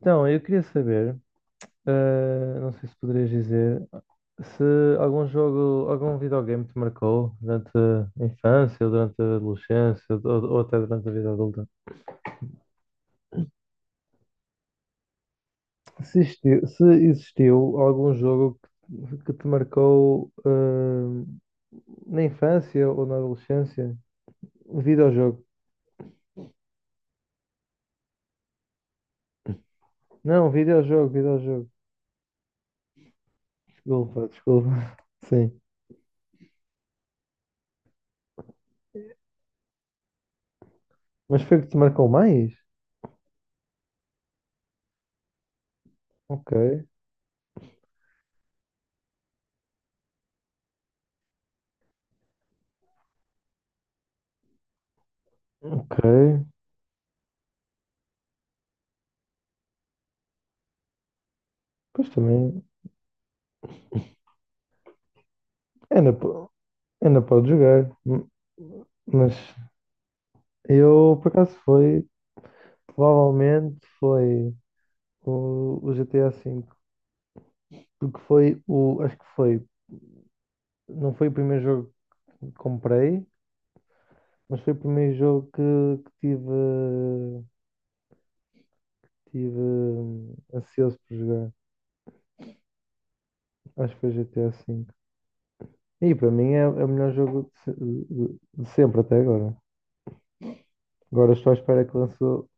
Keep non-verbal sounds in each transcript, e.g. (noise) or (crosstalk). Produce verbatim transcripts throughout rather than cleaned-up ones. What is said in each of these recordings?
Então, eu queria saber, eh, não sei se poderias dizer, se algum jogo, algum videogame te marcou durante a infância, ou durante a adolescência, ou, ou até durante a vida adulta. Se existiu, se existiu algum jogo que, que te marcou, eh, na infância ou na adolescência. Um videojogo. Não, um videojogo, videojogo. Desculpa, desculpa. (laughs) Sim. Mas foi o que te marcou mais? Ok, ok. Pois também. É, na. Ainda pode jogar, m- mas eu por acaso foi, provavelmente foi o, o G T G T A V, porque foi o, acho que foi, não foi o primeiro jogo que comprei, mas foi o primeiro jogo que, que tive, tive hum, ansioso por jogar. Acho que foi G T A V. E para mim é, é o melhor jogo de, se- de- de sempre até agora. Agora estou à espera que lance o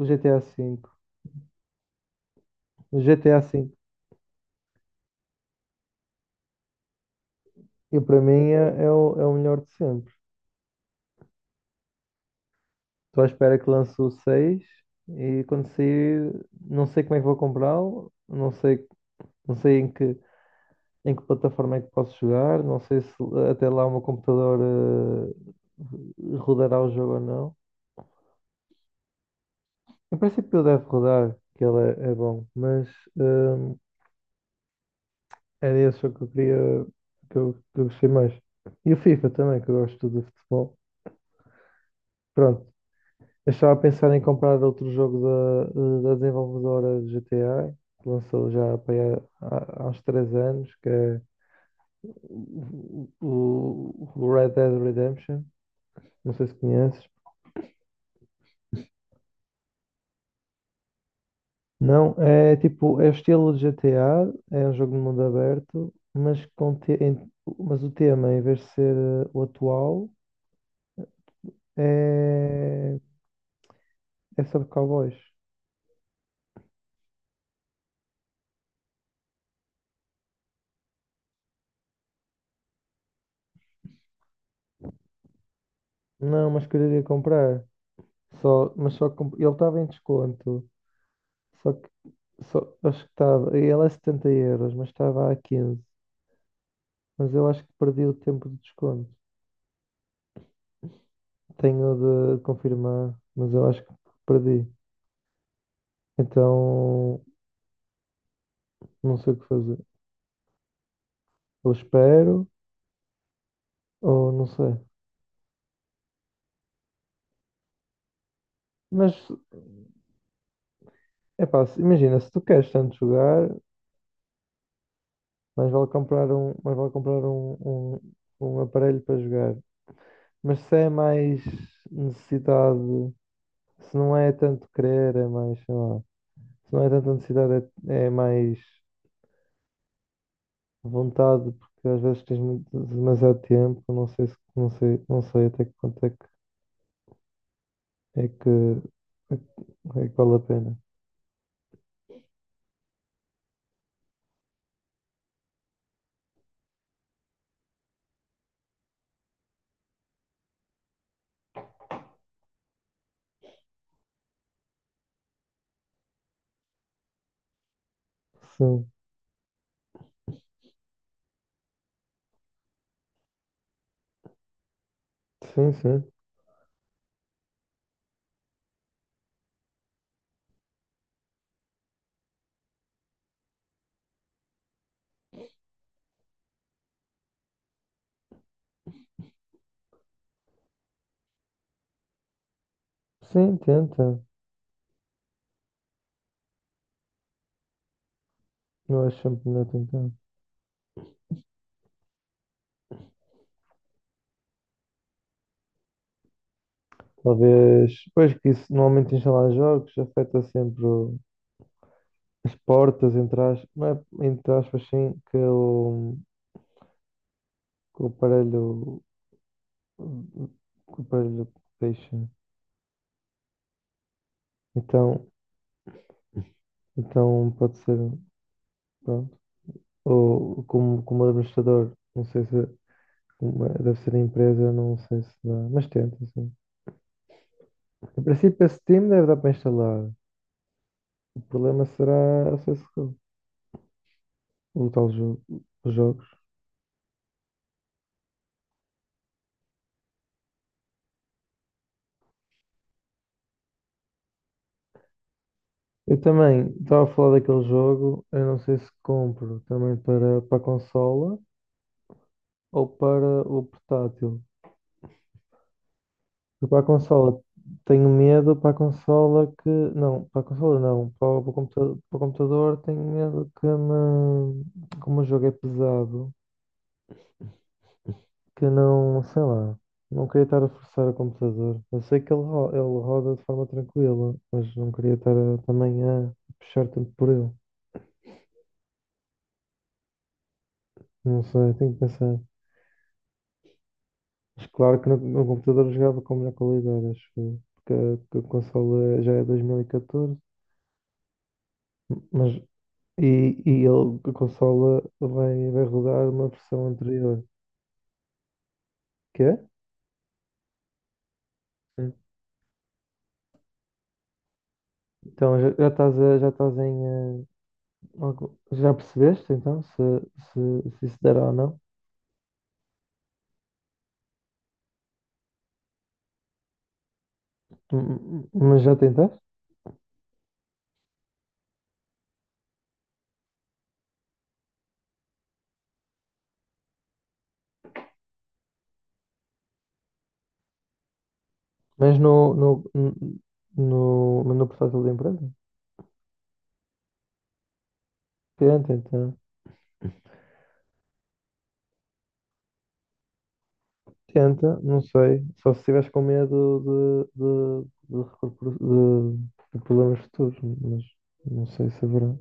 o G T A V. O G T G T A V, e para mim é, é o, é o melhor de sempre. Estou à espera que lance o seis e quando sair, não sei como é que vou comprá-lo, não sei, não sei em que, em que plataforma é que posso jogar, não sei se até lá o meu computador eh, rodará o jogo ou não. Em princípio ele deve rodar, que ele é, é bom, mas hum, era esse jogo que eu queria, que eu, que eu gostei mais. E o FIFA também, que eu gosto de futebol. Pronto. Eu estava a pensar em comprar outro jogo da, da desenvolvedora de G T A, que lançou já para aí há, há uns três anos, que é o, o- o Red Dead Redemption. Não sei se conheces. Não, é tipo, é o estilo de G T A, é um jogo de mundo aberto, mas, com te- em- mas o tema, em vez de ser eh, o atual, é, é sobre cowboys. Não, mas queria comprar. Só, mas só comp- ele estava em desconto. Só que Só- acho que estava. E ela é setenta euros, mas estava a quinze. Mas eu acho que perdi o tempo de desconto. Tenho de confirmar, mas eu acho que perdi. Então, não sei o que fazer. Ou espero, ou não sei. Mas, é pá, se- imagina, se tu queres tanto jogar, mais vale comprar um, mais vale comprar um, um, um aparelho para jogar. Mas se é mais necessidade, se não é tanto querer, é mais, sei lá. Se não é tanta necessidade, é, é mais vontade, porque às vezes tens mu- demasiado tempo, não sei se, não sei, não sei até que ponto é que é que, é que é que vale a pena. Sim, sim, sim. Sim, tenta. Eu acho sempre melhor tentar. Talvez, pois que isso normalmente instalar jogos afeta sempre o- as portas, entre aspas, não é, entre aspas, sim, que o, que o aparelho, que o aparelho deixa. Então, então pode ser, pronto. Ou como, como administrador, não sei se uma- deve ser a empresa, não sei se dá, mas tenta, sim. Em princípio, esse time deve dar para instalar. O problema será a C S G O, o o um tal jogo, os jogos. Eu também estava a falar daquele jogo, eu não sei se compro também para, para a consola ou para o portátil. Eu para a consola tenho medo, para a consola que. Não, para a consola não, para o, para o computa- para o computador, tenho medo que me, como o jogo é pesado que não, sei lá, não queria estar a forçar o computador. Eu sei que ele, ro- ele roda de forma tranquila, mas não queria estar a- também a puxar tanto por ele. Não sei, tenho que pensar. Mas claro que no, no computador eu jogava com melhor qualidade, acho eu, porque a, que a consola já é dois mil e quatorze, mas e, e ele, a consola vai, vai rodar uma versão anterior. Quê? Sim. Então já, já estás a- já estás em eh, algo- já percebeste então se, se, se isso dará ou não? M- Mas já tentaste? Mas no, no, no, mas no portátil da empresa? Tenta, então. Tenta, não sei. Só se estiveres com medo de, de, de, recorpor- de- de problemas futuros, mas não sei se haverá.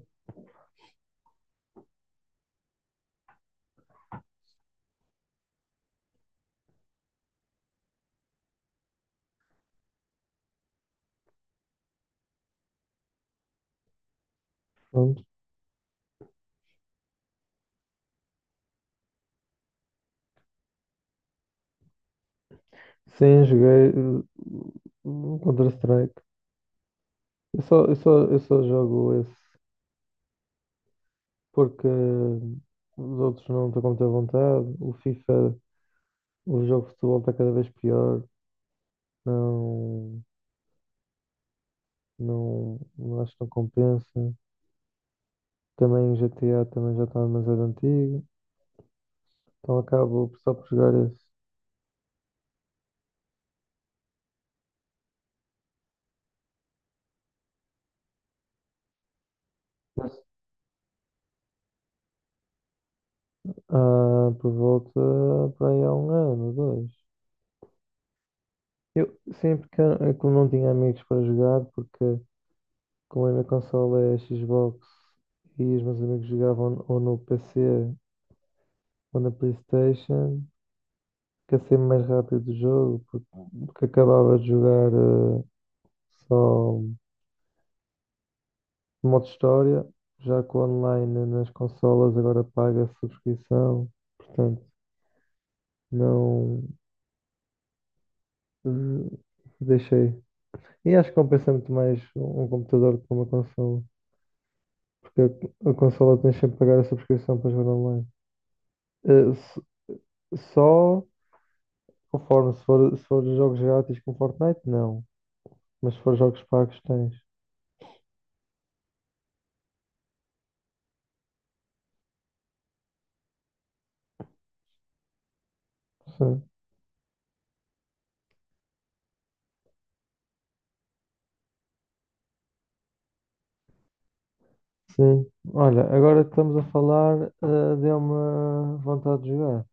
Pronto. Sim, joguei uh, Counter-Strike. Eu só, eu só, eu só jogo esse porque os outros não estão com muita vontade. O FIFA, o jogo de futebol está cada vez pior. Não. Não, não acho que não compensa. Também o G T A também já está demasiado antigo, então acabo só por jogar esse. Mas, ah, por volta para aí há um ano, ou dois. Eu sempre que eu como não tinha amigos para jogar, porque como a minha consola é a Xbox e os meus amigos jogavam ou no P C ou na PlayStation, que é sempre mais rápido o jogo, porque, porque acabava de jogar eh, só. O modo história, já com online nas consolas, agora paga a subscrição. Portanto, não eh, deixei. E acho que compensa muito mais um computador do que uma consola. Porque a, a consola tens sempre que pagar a subscrição para jogar online. Eh, s- só conforme, se for, se for jogos grátis com Fortnite, não. Mas se for jogos pagos, tens. Sim. Sim. Olha, agora que estamos a falar, eh, deu-me vontade de jogar.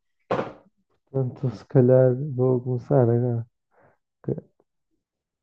Portanto, se calhar vou começar agora. Que